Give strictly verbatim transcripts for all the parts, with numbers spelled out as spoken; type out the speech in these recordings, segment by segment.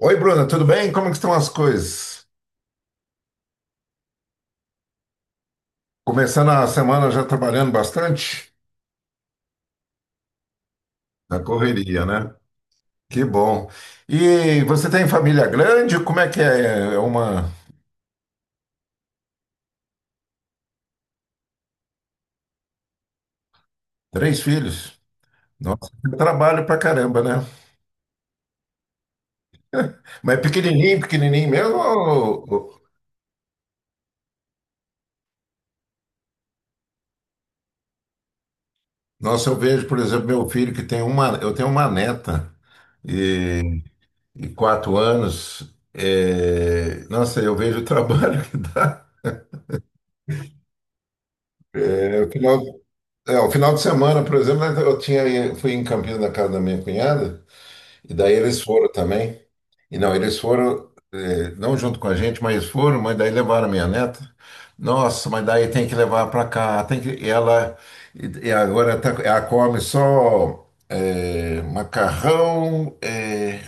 Oi, Bruna, tudo bem? Como é que estão as coisas? Começando a semana já trabalhando bastante? Na correria, né? Que bom. E você tem família grande? Como é que é? É uma... Três filhos? Nossa, trabalho pra caramba, né? Mas é pequenininho, pequenininho mesmo? ou- ou- Nossa, eu vejo, por exemplo, meu filho que tem uma... Eu tenho uma neta e, e quatro anos. É, nossa, eu vejo o trabalho que dá. É, o final É, o final de semana, por exemplo, eu tinha, fui em Campinas na casa da minha cunhada, e daí eles foram também. E não, eles foram, eh, não junto com a gente, mas foram, mas daí levaram a minha neta. Nossa, mas daí tem que levar para cá, tem que, e ela, e e agora tá, ela come só eh, macarrão, eh,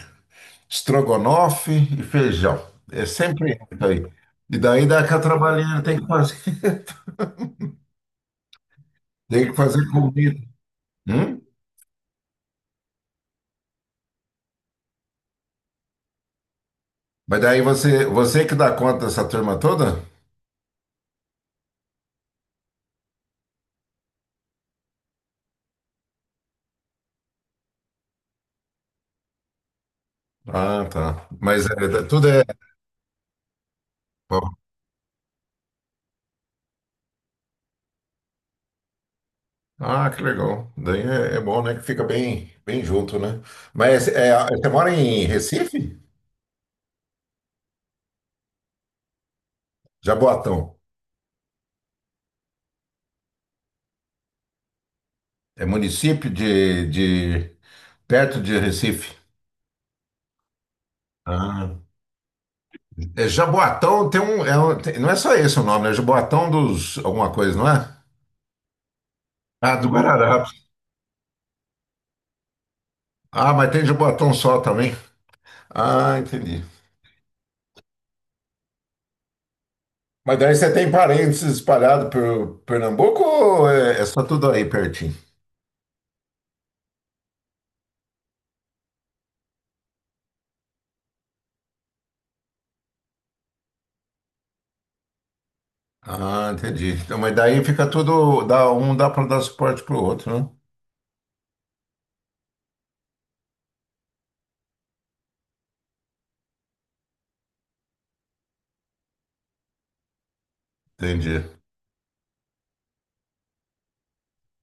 estrogonofe e feijão. É sempre isso aí. E daí dá aquela trabalheira, tem que fazer, tem que fazer comida. Hum? Mas daí você, você, que dá conta dessa turma toda? Ah, tá. Mas é, é, tudo é. Ah, que legal. Daí é, é bom, né? Que fica bem, bem junto, né? Mas é, você mora em Recife? Jaboatão. É município de, de perto de Recife. Ah. É Jaboatão tem um, é um- tem- não é só esse o nome, é Jaboatão dos alguma coisa, não é? Ah, do Guararapes. Ah, mas tem Jaboatão só também. Ah, entendi. Mas daí você tem parentes espalhados por Pernambuco ou é, é só tudo aí pertinho? Ah, entendi. Então, mas daí fica tudo, dá, um dá para dar suporte pro outro, né? Entendi.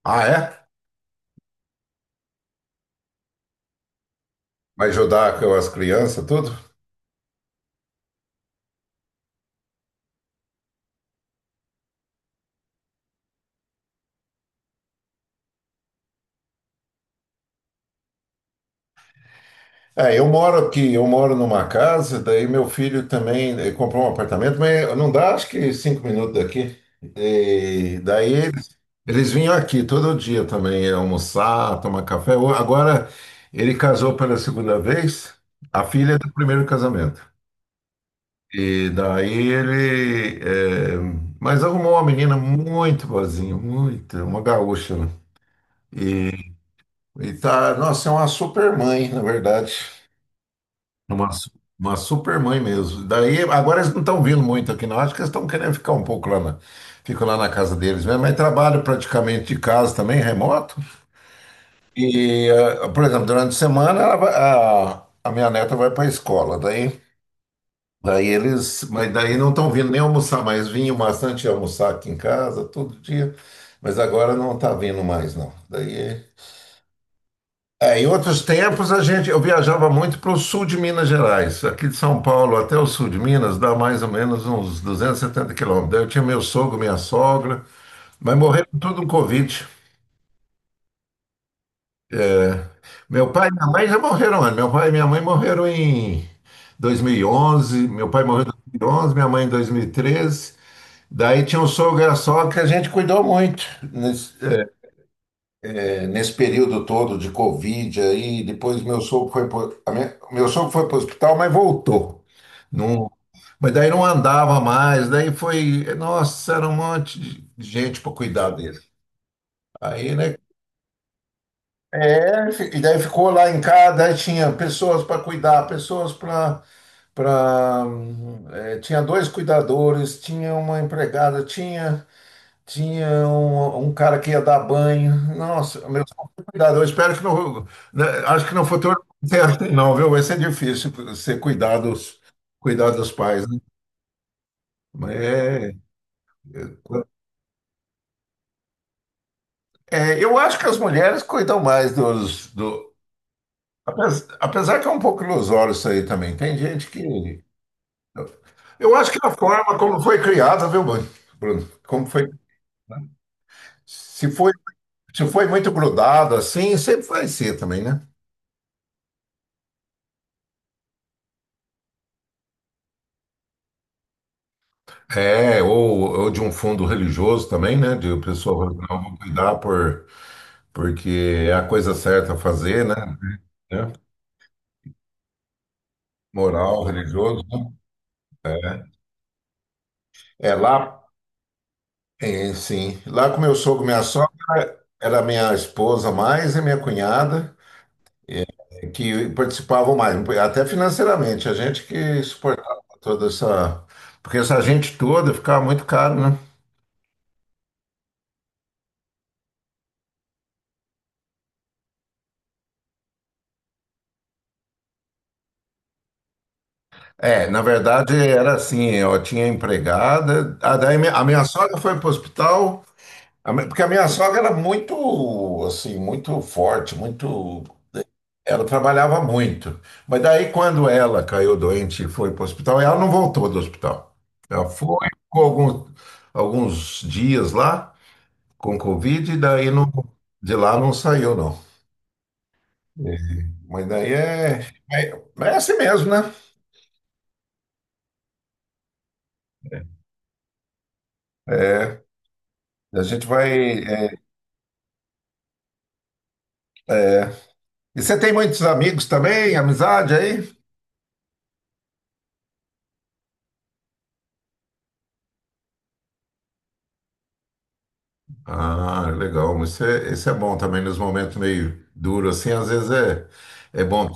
Ah, é? Vai ajudar com as crianças, tudo? É, eu moro aqui, eu moro numa casa, daí meu filho também eh, comprou um apartamento, mas não dá, acho que cinco minutos daqui. E daí eles, eles vinham aqui todo dia também eh, almoçar, tomar café. O- Agora ele casou pela segunda vez, a filha é do primeiro casamento. E daí ele, eh, mas arrumou uma menina muito boazinha, muito, uma gaúcha, né? E, e tá, nossa, é uma super mãe, na verdade. Uma, su- uma super mãe mesmo. Daí, agora eles não estão vindo muito aqui, não. Acho que eles estão querendo ficar um pouco lá na, ficam lá na casa deles mesmo. Mas trabalho praticamente de casa também, remoto. E, eh, por exemplo, durante a semana ela vai- a, a minha neta vai para a escola. Daí, daí eles, mas daí não estão vindo nem almoçar mais. Vinham bastante almoçar aqui em casa todo dia, mas agora não está vindo mais, não. Daí é, em outros tempos a gente, eu viajava muito para o sul de Minas Gerais. Aqui de São Paulo até o sul de Minas dá mais ou menos uns duzentos e setenta quilômetros. Daí eu tinha meu sogro, minha sogra, mas morreram tudo no Covid. Meu pai e minha mãe já morreram antes. Meu pai e minha mãe morreram em dois mil e onze. Meu pai morreu em dois mil e onze, minha mãe em dois mil e treze. Daí tinha um sogro e a sogra que a gente cuidou muito. É, nesse período todo de Covid aí, depois meu sogro foi pro, a minha- meu sogro foi para o hospital, mas voltou. Não, mas daí não andava mais, daí foi, nossa, era um monte de de gente para cuidar dele. Aí, né? É, fi- e daí ficou lá em casa, daí tinha pessoas para cuidar, pessoas para, para tinha dois cuidadores, tinha uma empregada, tinha tinha um, um cara que ia dar banho. Nossa, meu cuidado, eu espero que não. Né, acho que no futuro não tem, arte, não, viu? Vai ser difícil ser cuidados, cuidar dos pais, né? Mas é, é, eu acho que as mulheres cuidam mais dos. Do, apes- apesar que é um pouco ilusório isso aí também. Tem gente que. Eu acho que a forma como foi criada, viu, Bruno? Bruno, como foi. Se foi, se foi muito grudado assim, sempre vai ser também, né? É, ou, ou de um fundo religioso também, né? De pessoa, não, vou cuidar por, porque é a coisa certa a fazer, né? É. Moral, religioso, né? É, é, lá, é, sim. Lá com meu sogro, minha sogra, era minha esposa mais e minha cunhada, eh, que participavam mais, até financeiramente, a gente que suportava toda essa. Porque essa gente toda ficava muito caro, né? É, na verdade era assim, eu tinha empregada, a, daí minha- a minha sogra foi para o hospital, a mi- porque a minha sogra era muito, assim, muito forte, muito. Ela trabalhava muito. Mas daí, quando ela caiu doente e foi para o hospital, ela não voltou do hospital. Ela foi, ficou algum- alguns dias lá com Covid, e daí não, de lá não saiu, não. É. Mas daí é, é, é assim mesmo, né? É, a gente vai. É, é. E você tem muitos amigos também, amizade aí? Ah, legal. Mas isso é, isso é bom também nos momentos meio duros, assim, às vezes é, é bom.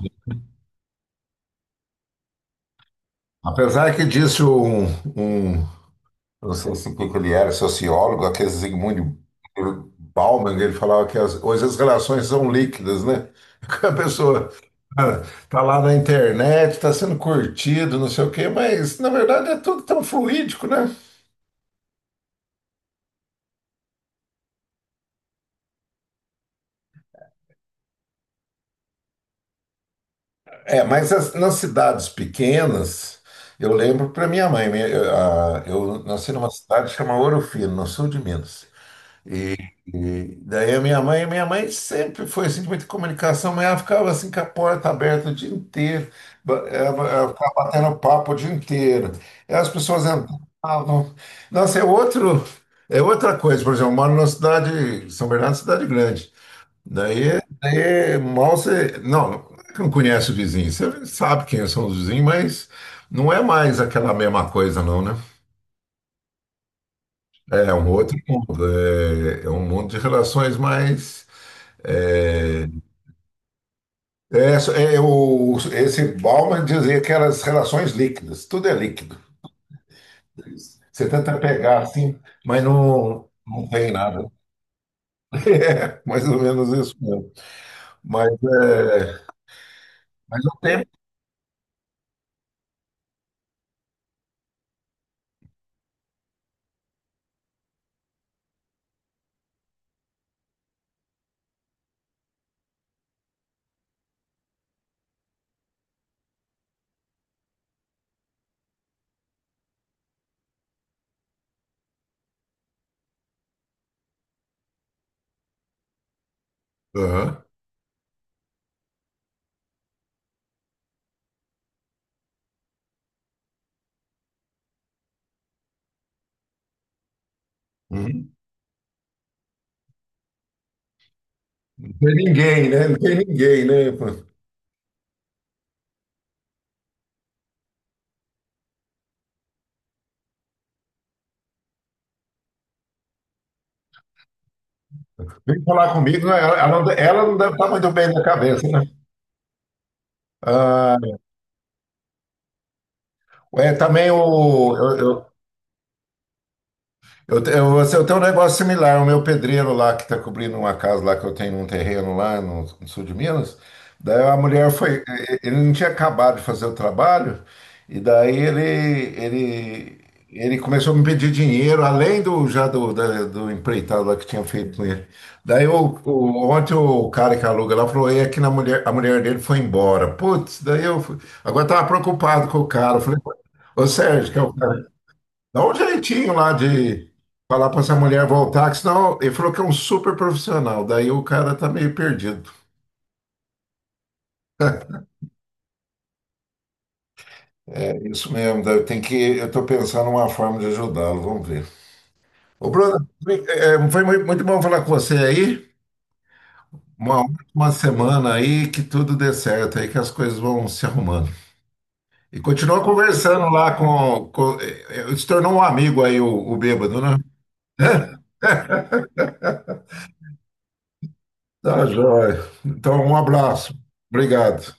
Apesar que disse um, um Eu não sei se o que que ele era, sociólogo, aquele Zygmunt Bauman, ele falava que as, hoje as relações são líquidas, né? A pessoa, ah, tá lá na internet, tá sendo curtido, não sei o quê, mas na verdade é tudo tão fluídico, né? É, mas as- nas cidades pequenas, eu lembro para minha mãe, minha- eu, a- eu nasci numa cidade chamada Ouro Fino, no sul de Minas. E daí a minha mãe, minha mãe sempre foi assim, de muita comunicação, mas ela ficava assim com a porta aberta o dia inteiro, Ba- ela, ela ficava batendo papo o dia inteiro. E as pessoas entravam. Nossa, é outro, é outra coisa, por exemplo, eu moro numa cidade, São Bernardo, é uma cidade grande. Daí, daí mal você. Não, não é que não conhece o vizinho, você sabe quem são os vizinhos, mas não é mais aquela mesma coisa, não, né? É um outro mundo, é, é um mundo de relações mais. É, é, é o, esse Bauman dizia que eram as relações líquidas, tudo é líquido. Você tenta pegar assim, mas não, não tem nada. É, mais ou menos isso mesmo. Mas, é, mas o tempo. Aham. Uhum. Não tem ninguém, né? Não tem ninguém, né? Vem falar comigo, né? ela, ela não ela não deve estar muito bem na cabeça, né? Ah, é, também o, eu, Eu, te- eu, eu tenho um negócio similar. O meu pedreiro lá, que está cobrindo uma casa lá, que eu tenho um terreno lá no, no sul de Minas, daí a mulher foi. e- Ele não tinha acabado de fazer o trabalho, e daí ele, ele, ele começou a me pedir dinheiro, além do já do, da- do empreitado lá que tinha feito com ele. Daí o, o- ontem o cara que aluga lá falou: ei aqui na mulher, a mulher dele foi embora. Putz, daí eu fui. Agora estava preocupado com o cara. Eu falei, ô Sérgio, que é o cara. Dá um jeitinho lá de falar pra essa mulher voltar, que senão ele falou que é um super profissional. Daí o cara tá meio perdido. É isso mesmo, daí eu tenho que, eu tô pensando uma forma de ajudá-lo, vamos ver. Ô, Bruno, é, foi mui- muito bom falar com você aí. Uma ótima semana aí, que tudo dê certo aí, que as coisas vão se arrumando. E continua conversando lá com, com- eh, eh, se tornou um amigo aí, o, o bêbado, né? Tá joia. Então, um abraço. Obrigado.